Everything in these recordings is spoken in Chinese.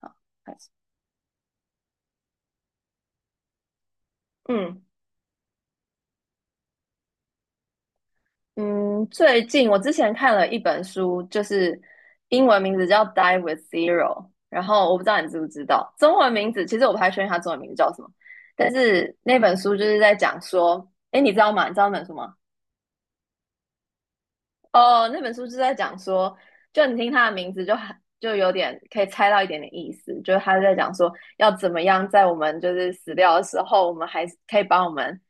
好，开始。嗯嗯，最近我之前看了一本书，就是英文名字叫《Die with Zero》，然后我不知道你知不知道，中文名字其实我不太确定它中文名字叫什么，但是那本书就是在讲说，哎，你知道吗？你知道那本书吗？哦，那本书是在讲说，就你听它的名字就很就有点可以猜到一点点意思，就是他在讲说要怎么样在我们就是死掉的时候，我们还是可以把我们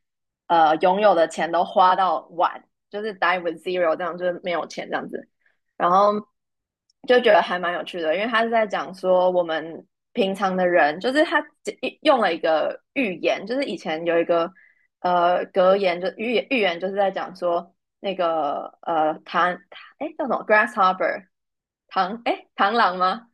拥有的钱都花到完，就是 die with zero 这样，就是没有钱这样子。然后就觉得还蛮有趣的，因为他是在讲说我们平常的人，就是他用了一个寓言，就是以前有一个格言就寓言预言就是在讲说那个哎叫什么 grasshopper 哎螳螂吗？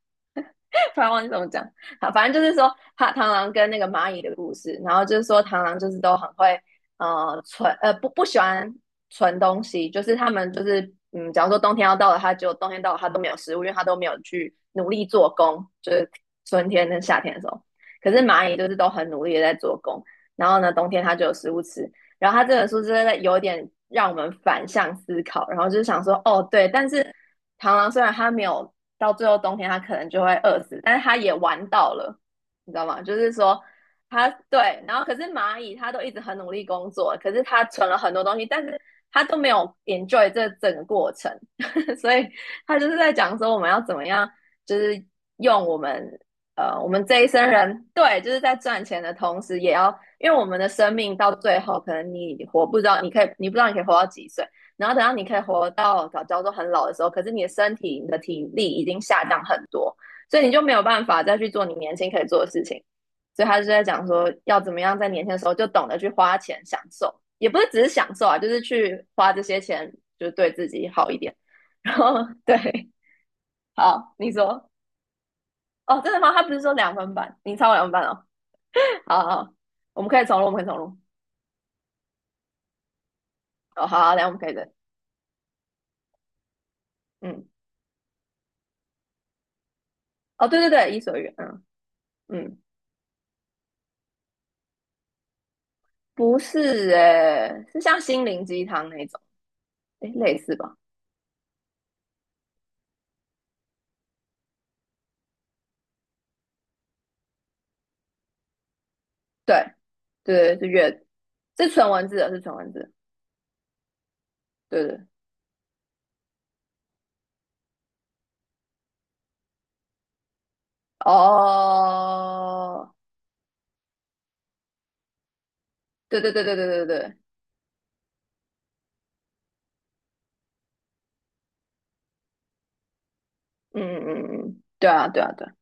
突然忘记怎么讲。好，反正就是说，他螳螂跟那个蚂蚁的故事，然后就是说，螳螂就是都很会，不喜欢存东西，就是他们就是，嗯，假如说冬天要到了，它就冬天到了，它都没有食物，因为它都没有去努力做工，就是春天跟夏天的时候。可是蚂蚁就是都很努力的在做工，然后呢，冬天它就有食物吃。然后它这本书真的有点让我们反向思考，然后就是想说，哦，对，但是螳螂虽然它没有到最后冬天它可能就会饿死，但是它也玩到了，你知道吗？就是说它对，然后可是蚂蚁它都一直很努力工作，可是它存了很多东西，但是它都没有 enjoy 这整个过程，所以它就是在讲说我们要怎么样，就是用我们。我们这一生人，对，就是在赚钱的同时，也要，因为我们的生命到最后，可能你活不知道，你可以，你不知道你可以活到几岁，然后等到你可以活到早教都很老的时候，可是你的身体、你的体力已经下降很多，所以你就没有办法再去做你年轻可以做的事情。所以他就在讲说，要怎么样在年轻的时候就懂得去花钱享受，也不是只是享受啊，就是去花这些钱，就是对自己好一点。然后对，好，你说哦，真的吗？他不是说两分半，你超过两分半哦。好好，我们可以重录，我们可以重录。哦，好，好，等一下我们可以的。嗯，哦，对对对，伊索寓言，嗯嗯，不是诶、是像心灵鸡汤那种，诶、类似吧？对对，是阅，是纯文字的，是纯文字的，对对，哦，对对对对对对对，嗯嗯嗯嗯，对啊对啊对啊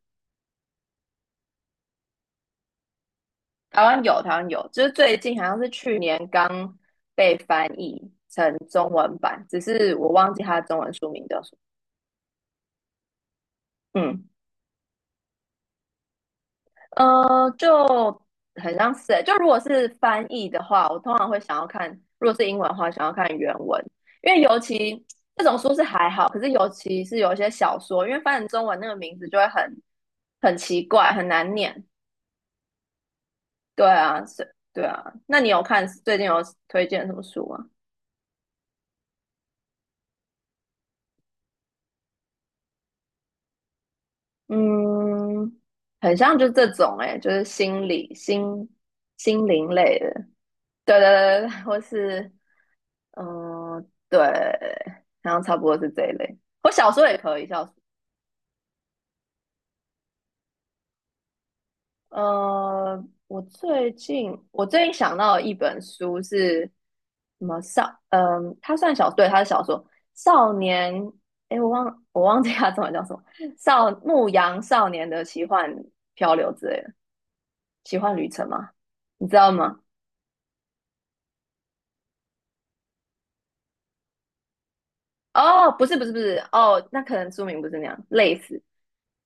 台湾有台湾有，就是最近好像是去年刚被翻译成中文版，只是我忘记它的中文书名叫什么，嗯。就很像是欸，就如果是翻译的话，我通常会想要看，如果是英文的话，想要看原文，因为尤其这种书是还好，可是尤其是有一些小说，因为翻成中文那个名字就会很很奇怪，很难念。对啊，是，对啊。那你有看最近有推荐什么书吗？嗯，很像就这种哎、欸就是心理心心灵类的，对对对，对或是嗯，对，然后差不多是这一类。我小说也可以，小说。我最近想到一本书是什么少？它算小，对，它是小说。少年，诶，我忘记它中文叫什么，牧羊少年的奇幻漂流之类的，奇幻旅程吗？你知道吗？哦，不是不是不是，哦，那可能书名不是那样，类似，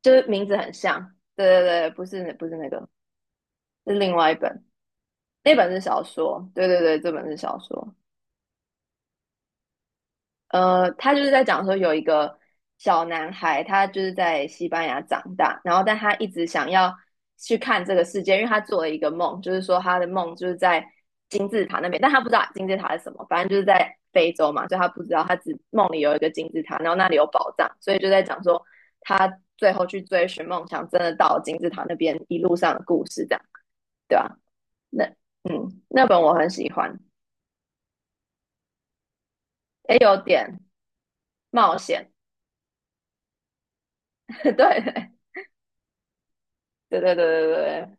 就是名字很像。对对对，不是不是那个，是另外一本。那本是小说，对对对，这本是小说。他就是在讲说有一个小男孩，他就是在西班牙长大，然后但他一直想要去看这个世界，因为他做了一个梦，就是说他的梦就是在金字塔那边，但他不知道金字塔是什么，反正就是在非洲嘛，所以他不知道，他只梦里有一个金字塔，然后那里有宝藏，所以就在讲说他最后去追寻梦想，真的到金字塔那边一路上的故事，这样对吧、那那本我很喜欢，也有点。冒险，对对对对对对，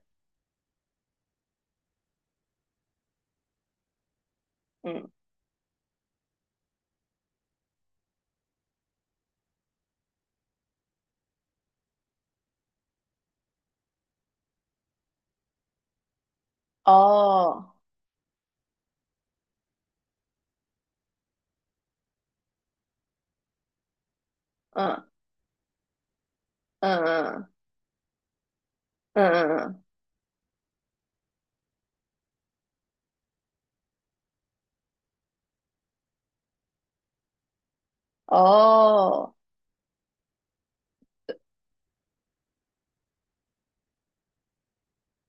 嗯，哦，嗯嗯嗯嗯嗯嗯，哦，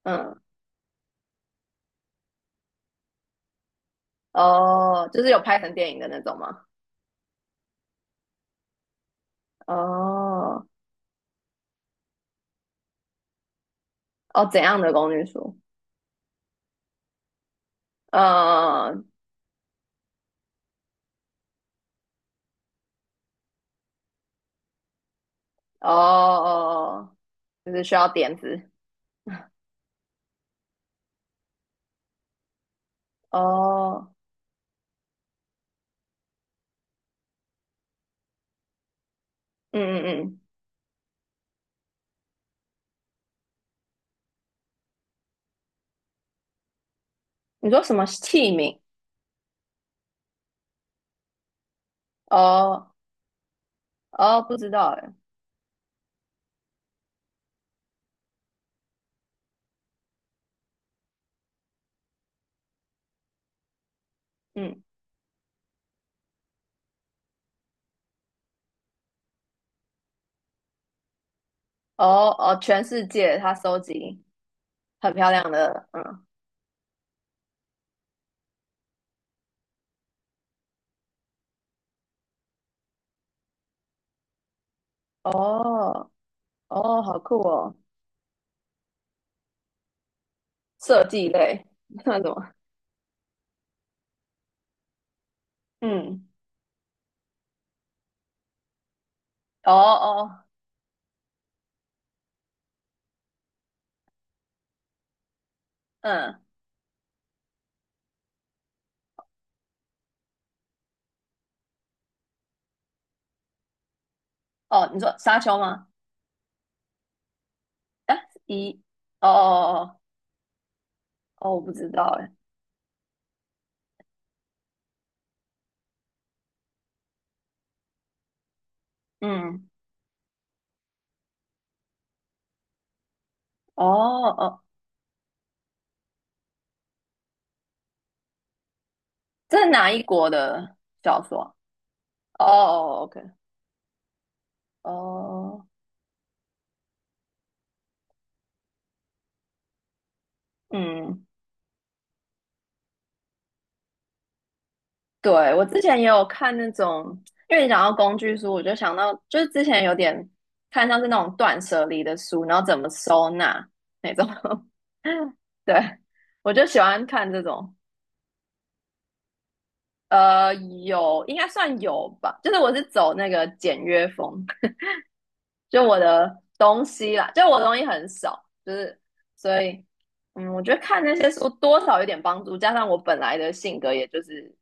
嗯哦，就是有拍成电影的那种吗？哦哦，怎样的公寓书？嗯，嗯嗯嗯哦哦，就是需要点子。哦，嗯嗯嗯，你说什么器皿？哦哦，不知道哎，嗯，哦哦，全世界他收集很漂亮的，嗯，哦。哦，好酷哦，设计类 那什么？嗯，哦哦，嗯，哦，你说沙丘吗？啊，一，哦哦哦哦，我不知道哎，嗯，哦哦，这是哪一国的小说啊哦哦，OK，哦，嗯，对，我之前也有看那种，因为你讲到工具书，我就想到，就是之前有点看像是那种断舍离的书，然后怎么收纳那种，对，我就喜欢看这种。有，应该算有吧。就是我是走那个简约风，就我的东西啦，就我的东西很少，就是所以，嗯，我觉得看那些书多少有点帮助，加上我本来的性格，也就是，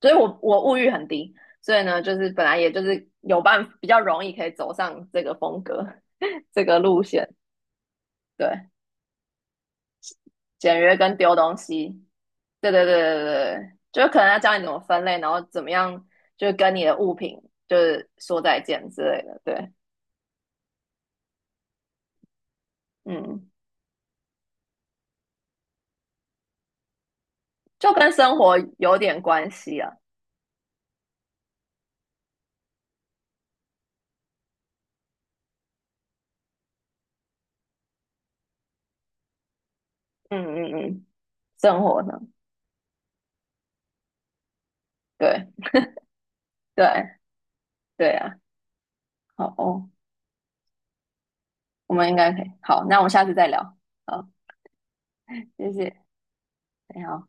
所以我物欲很低，所以呢，就是本来也就是有办比较容易可以走上这个风格 这个路线，对。简约跟丢东西。对对对对对，对就是可能要教你怎么分类，然后怎么样，就是跟你的物品就是说再见之类的。对，嗯，就跟生活有点关系啊。嗯嗯嗯，生活呢，对对对啊。好哦，我们应该可以。好，那我们下次再聊。好，谢谢，你好。